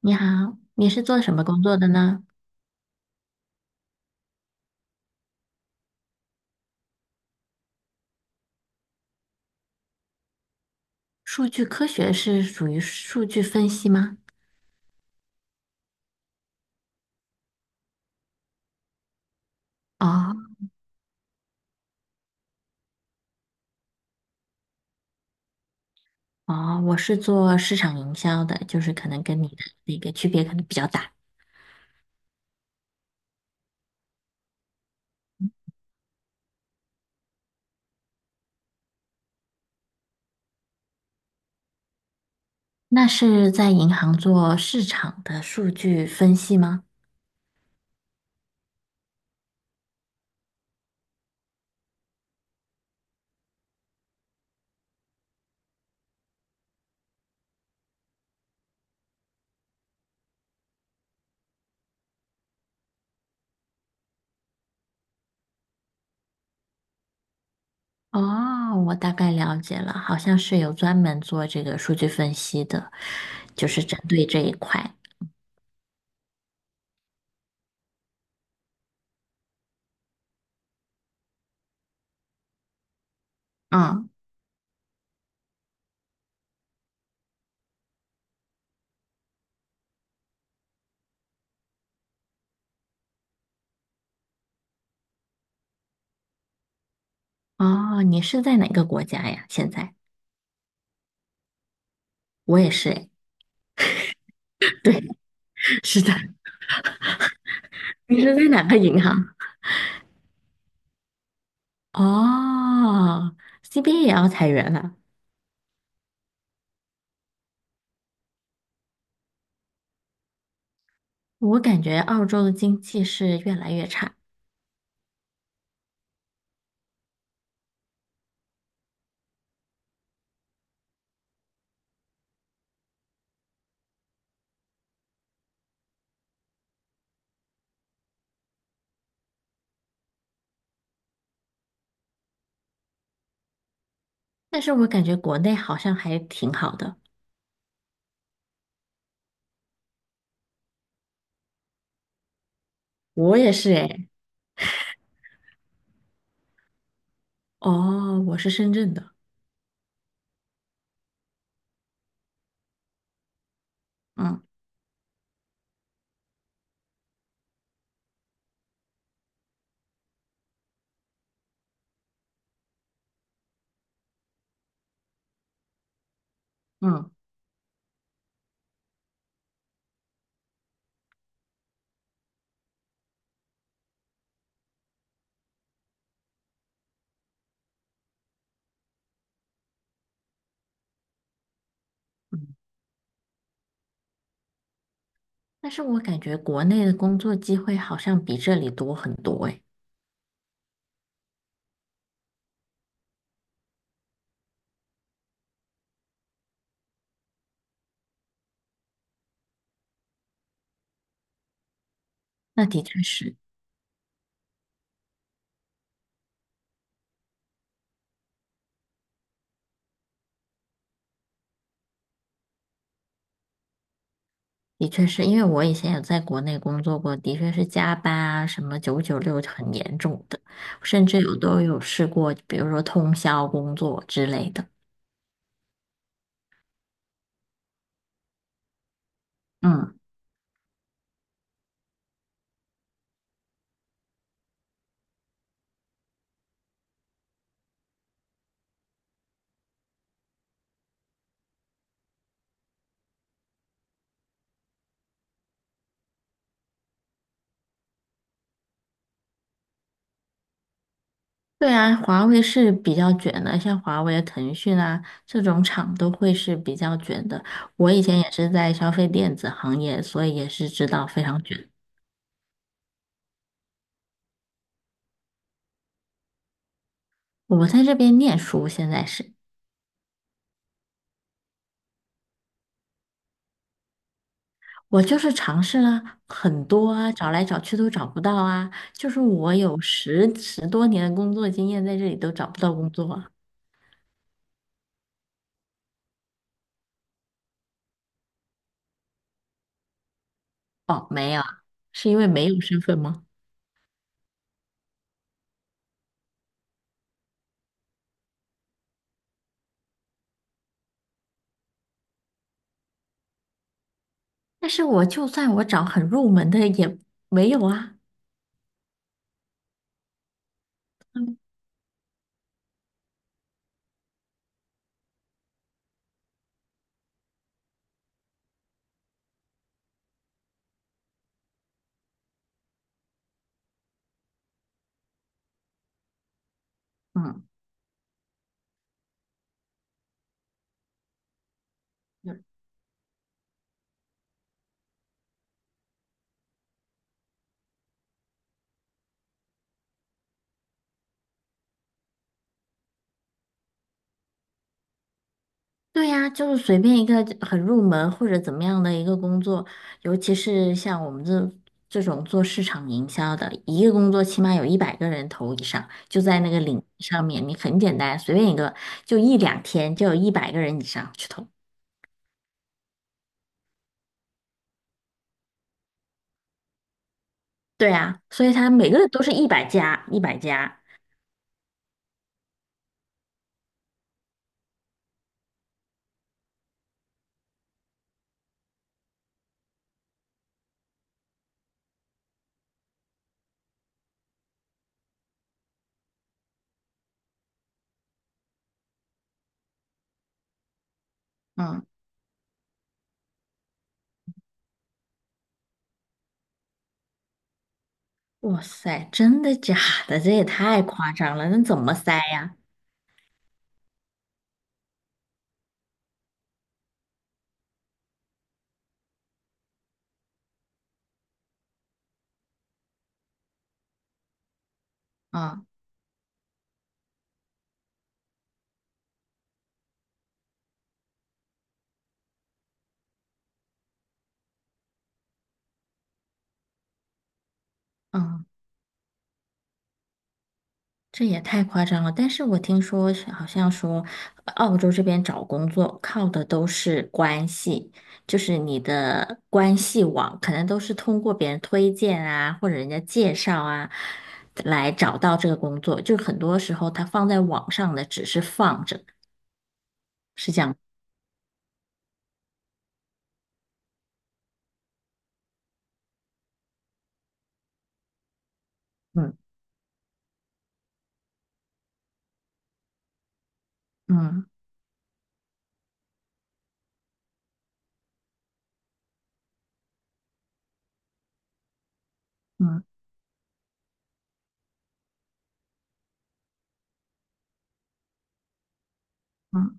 你好，你是做什么工作的呢？数据科学是属于数据分析吗？哦哦，我是做市场营销的，就是可能跟你的那个区别可能比较大。那是在银行做市场的数据分析吗？哦，我大概了解了，好像是有专门做这个数据分析的，就是针对这一块。嗯，哦，你是在哪个国家呀？现在我也是诶，对，是的。你是在哪个银行？哦，CBA 也要裁员了。我感觉澳洲的经济是越来越差，但是我感觉国内好像还挺好的。我也是诶，哦，我是深圳的，嗯嗯嗯，但是我感觉国内的工作机会好像比这里多很多诶。那的确是，的确是因为我以前有在国内工作过，的确是加班啊，什么九九六很严重的，甚至有都有试过，比如说通宵工作之类的。嗯。对啊，华为是比较卷的，像华为、腾讯啊这种厂都会是比较卷的。我以前也是在消费电子行业，所以也是知道非常卷。我在这边念书，现在是我就是尝试了很多啊，找来找去都找不到啊。就是我有十多年的工作经验，在这里都找不到工作啊。哦，没有啊，是因为没有身份吗？但是我就算我找很入门的也没有啊。嗯。对呀，就是随便一个很入门或者怎么样的一个工作，尤其是像我们这种做市场营销的，一个工作起码有一百个人投以上，就在那个领域上面，你很简单，随便一个，就一两天就有一百个人以上去投。对啊，所以他每个人都是一百加，一百加。嗯，哇塞，真的假的？这也太夸张了，那怎么塞呀？嗯嗯。这也太夸张了，但是我听说是好像说，澳洲这边找工作靠的都是关系，就是你的关系网，可能都是通过别人推荐啊，或者人家介绍啊，来找到这个工作。就很多时候他放在网上的只是放着，是这样。嗯嗯嗯嗯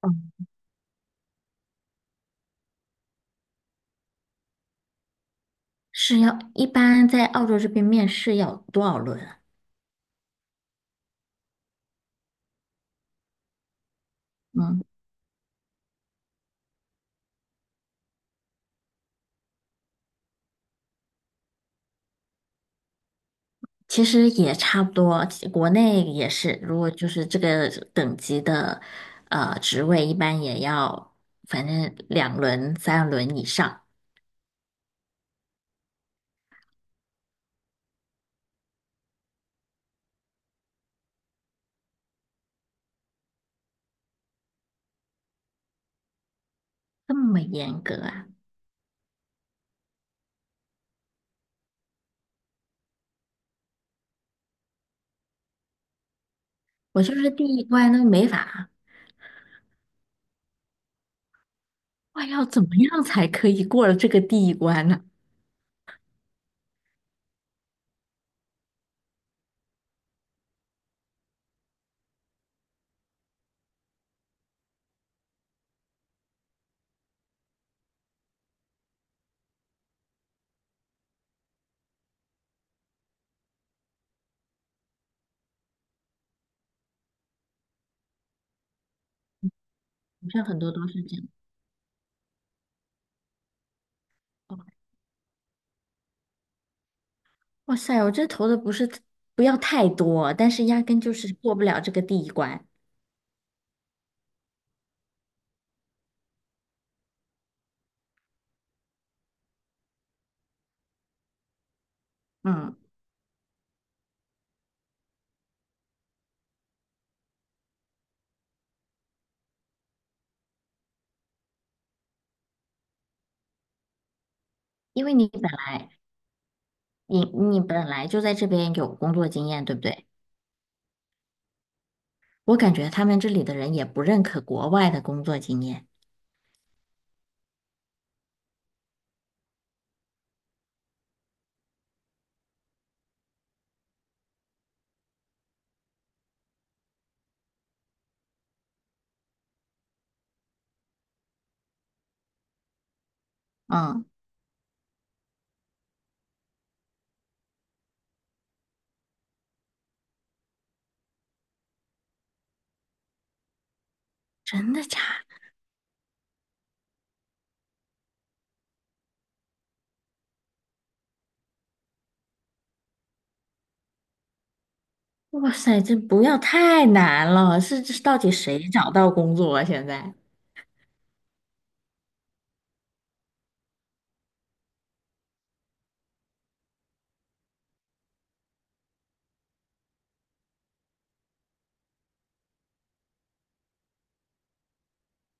嗯，是要一般在澳洲这边面试要多少轮啊？嗯其实也差不多，国内也是，如果就是这个等级的职位，一般也要反正2轮、3轮以上，这么严格啊！我就是第一关都没法，哇，要怎么样才可以过了这个第一关呢？好像很多都是这样。哦哇塞，我这投的不是不要太多，但是压根就是过不了这个第一关。嗯，因为你本来你你本来就在这边有工作经验，对不对？我感觉他们这里的人也不认可国外的工作经验。嗯，真的假的？哇塞，这不要太难了，是这到底谁找到工作啊？现在？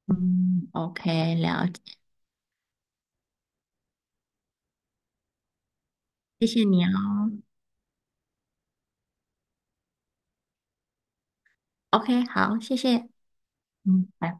嗯，OK,了解，谢谢你哦。OK,好，谢谢。嗯，拜拜。